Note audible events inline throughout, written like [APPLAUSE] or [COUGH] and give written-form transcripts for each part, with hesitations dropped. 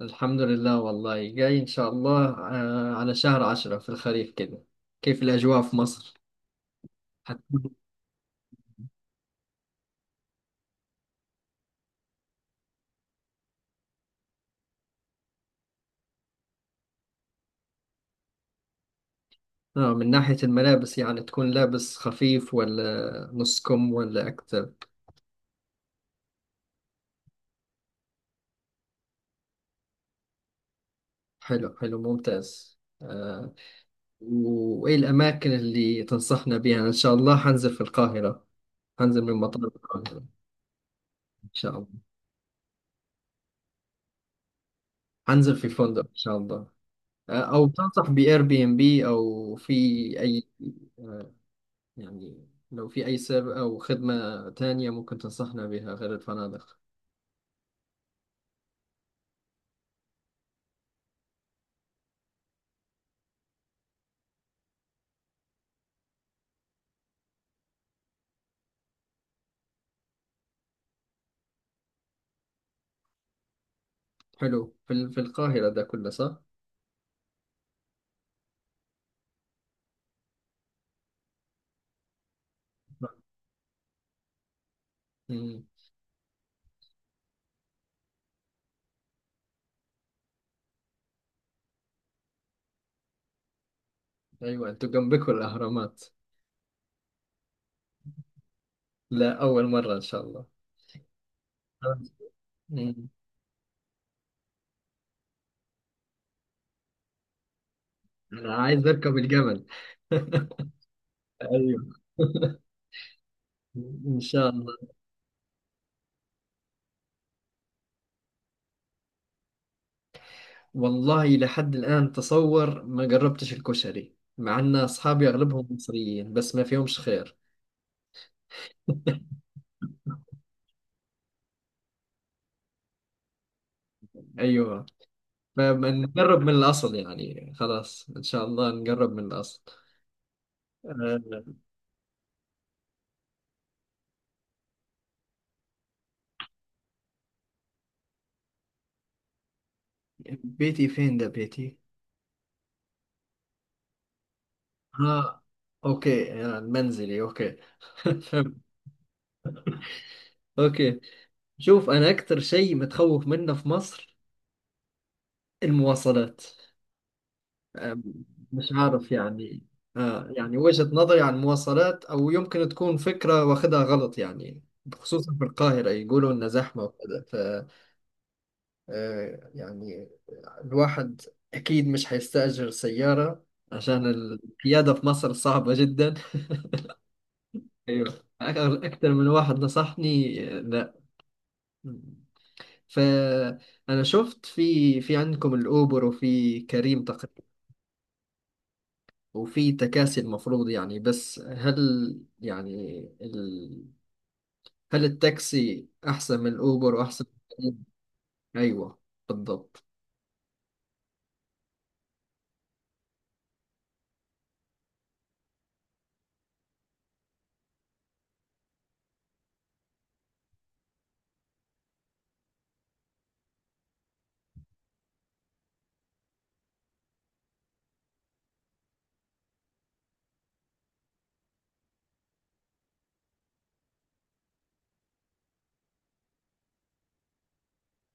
الحمد لله، والله جاي إن شاء الله، على شهر عشرة في الخريف كده. كيف الأجواء في مصر؟ هتكون آه من ناحية الملابس، يعني تكون لابس خفيف ولا نص كم ولا أكتر؟ حلو حلو ممتاز، آه. وإيه الأماكن اللي تنصحنا بها؟ إن شاء الله هنزل في القاهرة، هنزل من مطار القاهرة إن شاء الله. هنزل في فندق إن شاء الله. أو تنصح بإير بي إم بي أو في أي؟ يعني لو في أي سبب أو خدمة تانية ممكن تنصحنا بها غير الفنادق. حلو، في القاهرة ده كله، صح؟ مم. أيوة، أنتوا جنبكم الأهرامات. لا، أول مرة إن شاء الله. مم. أنا عايز أركب الجمل. [LAUGHS] ايوه. [LAUGHS] ان شاء الله. والله لحد الان تصور ما جربتش الكشري، مع ان اصحابي اغلبهم مصريين بس ما فيهمش خير. ايوه. فبنجرب من الاصل يعني، خلاص ان شاء الله نجرب من الاصل. آه، بيتي فين ده بيتي؟ ها. اوكي، منزلي، اوكي. [LAUGHS] فهمت، اوكي. شوف، انا اكثر شيء متخوف منه في مصر المواصلات. آه، مش عارف يعني. يعني وجهة نظري عن المواصلات، او يمكن تكون فكرة واخدها غلط يعني. خصوصا في القاهرة يقولوا انها زحمة وكذا، ف يعني الواحد اكيد مش حيستأجر سيارة، عشان القيادة في مصر صعبة جدا. ايوه، اكتر من واحد نصحني، لا. فانا شفت في عندكم الاوبر وفي كريم تقريبا، وفي تكاسي المفروض يعني. بس هل، يعني ال... هل التاكسي احسن من الاوبر واحسن من كريم؟ ايوه، بالضبط.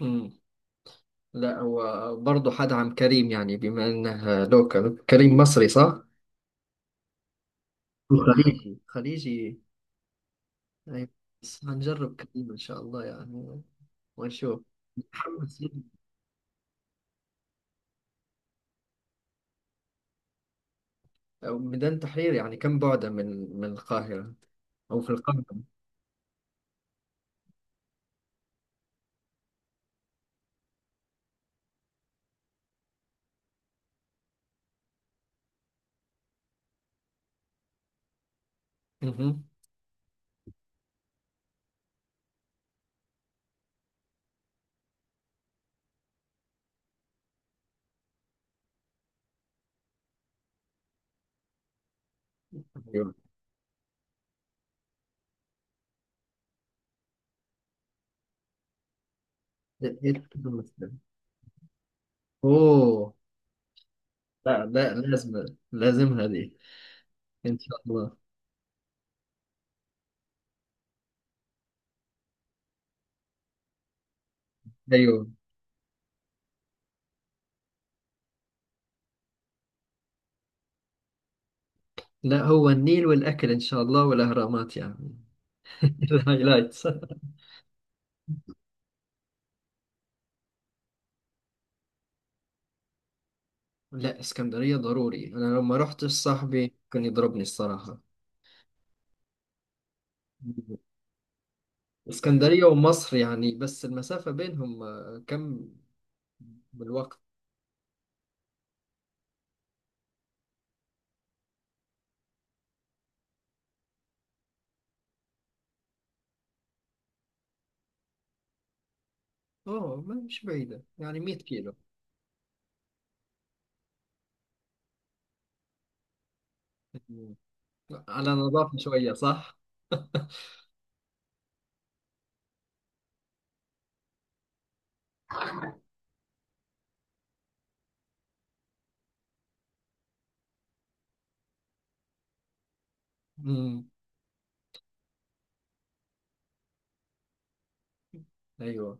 امم لا هو برضه حدعم كريم يعني، بما انه لوكال، كريم مصري، صح؟ خليجي خليجي. أيوة. بس هنجرب كريمة إن شاء الله يعني، ونشوف. متحمس جداً. أو ميدان تحرير يعني، كم بعده من القاهرة، أو في القاهرة؟ اها. أيوة. إيه تتحمس له؟ أوه. لا لا، لازم، لازم هذه إن شاء الله. أيوة. لا، هو النيل والأكل إن شاء الله والأهرامات يعني. [LAUGHS] الهايلايتس. لا، اسكندرية ضروري. أنا لما رحت صاحبي كان يضربني الصراحة. اسكندرية ومصر يعني، بس المسافة بينهم كم بالوقت؟ أوه، مش بعيدة يعني، 100 كيلو. مم. على نظافة شوية، صح؟ مم. أيوة.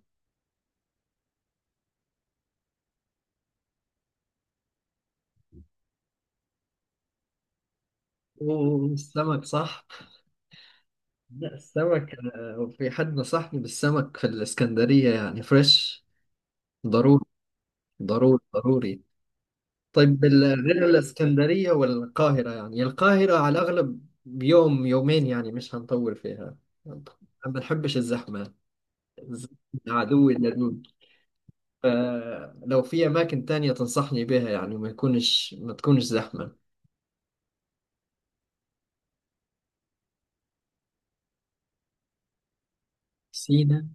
والسمك، صح؟ لا السمك، في حد نصحني بالسمك في الإسكندرية يعني، فريش. ضروري. ضروري ضروري. طيب، غير الإسكندرية والقاهرة يعني، القاهرة على الأغلب يوم يومين يعني، مش هنطول فيها. ما بنحبش الزحمة. الزحمة عدوي اللدود. فلو في أماكن تانية تنصحني بها يعني، ما تكونش زحمة. سينا.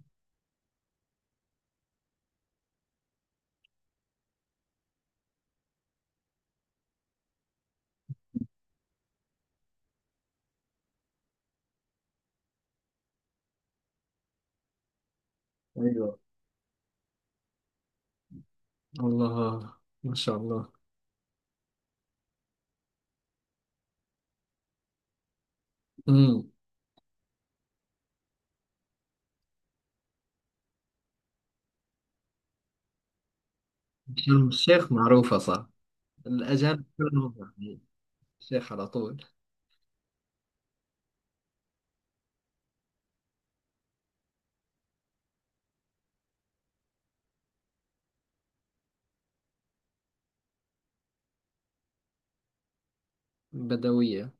ايوه. الله. ما شاء الله. امم شرم الشيخ معروفة، صح؟ الأجانب كلهم يعني. الشيخ على طول. بدوية.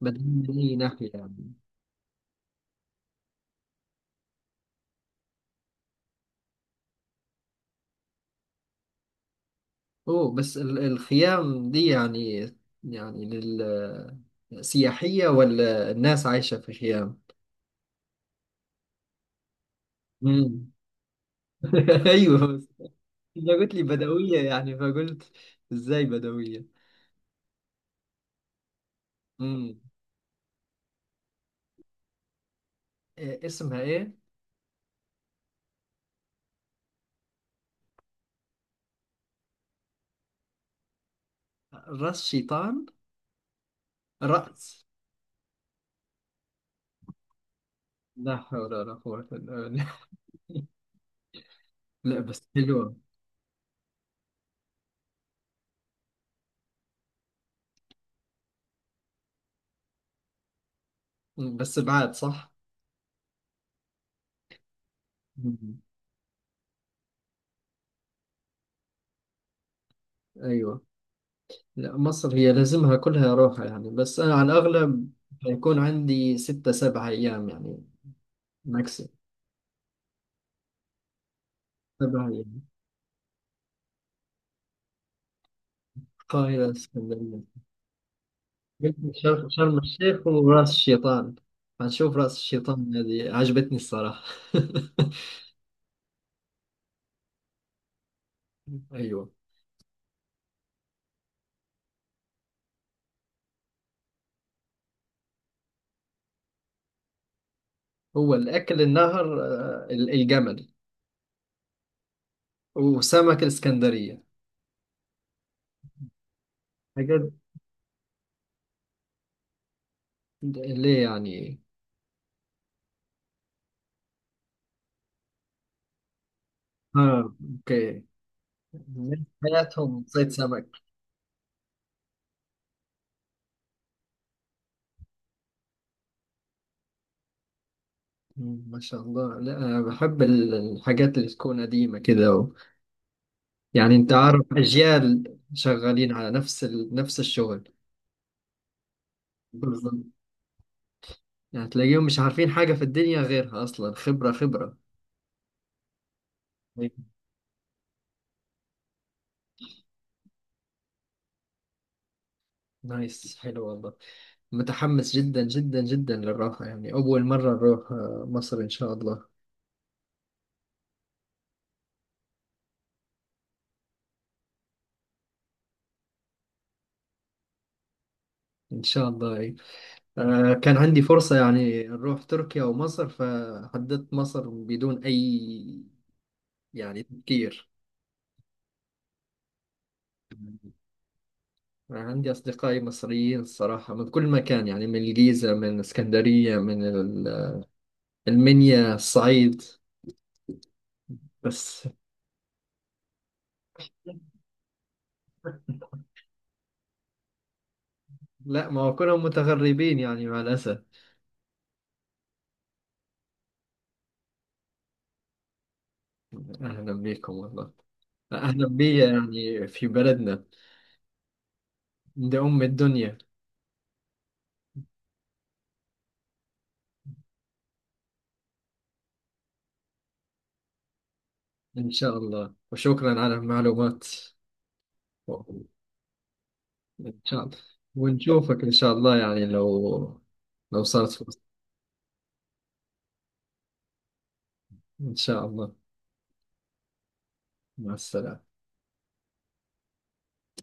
بدوية من أي ناحية يعني؟ أوه بس، الخيام دي يعني لل سياحية ولا الناس عايشة في خيام؟ امم. [LAUGHS] أيوه بس، أنت قلت لي بدوية يعني، فقلت إزاي بدوية؟ إيه اسمها، ايه؟ راس شيطان. رأس لا حول ولا قوة إلا بالله. [LAUGHS] لا بس حلوة. بس بعد، صح؟ [LAUGHS] مم. ايوه. لا مصر هي لازمها كلها روحة يعني، بس انا على الاغلب حيكون عندي ستة سبعة ايام يعني، ماكسيم. سبعة ايام، القاهرة، اسكندرية. قلت شرم، الشيخ وراس الشيطان. هنشوف راس الشيطان، هذه عجبتني الصراحة. [LAUGHS] ايوه. هو الاكل، النهر، الجمل، وسمك الإسكندرية. حاجات اللي يعني، اه، اوكي. الناس حياتهم صيد سمك. مم، ما شاء الله. لا أنا بحب الحاجات اللي تكون قديمة كده و... يعني انت عارف، اجيال شغالين على نفس الشغل. بالظبط. يعني تلاقيهم مش عارفين حاجة في الدنيا غيرها اصلا، خبرة خبرة. طيب، نايس، حلو والله. متحمس جدا جدا جدا للراحة يعني، اول مرة نروح مصر ان شاء الله. ان شاء الله. كان عندي فرصة يعني نروح تركيا أو مصر، فحددت مصر بدون أي يعني تفكير. عندي أصدقائي مصريين الصراحة من كل مكان يعني، من الجيزة، من اسكندرية، من المنيا، الصعيد، بس لا ما هو كلهم متغربين يعني مع الأسف. أهلا بكم والله. أهلا بي يعني في بلدنا، عند أم الدنيا. إن شاء الله. وشكرا على المعلومات. إن شاء الله. ونشوفك إن شاء الله يعني، لو صارت فرصة. إن شاء الله. مع السلامة.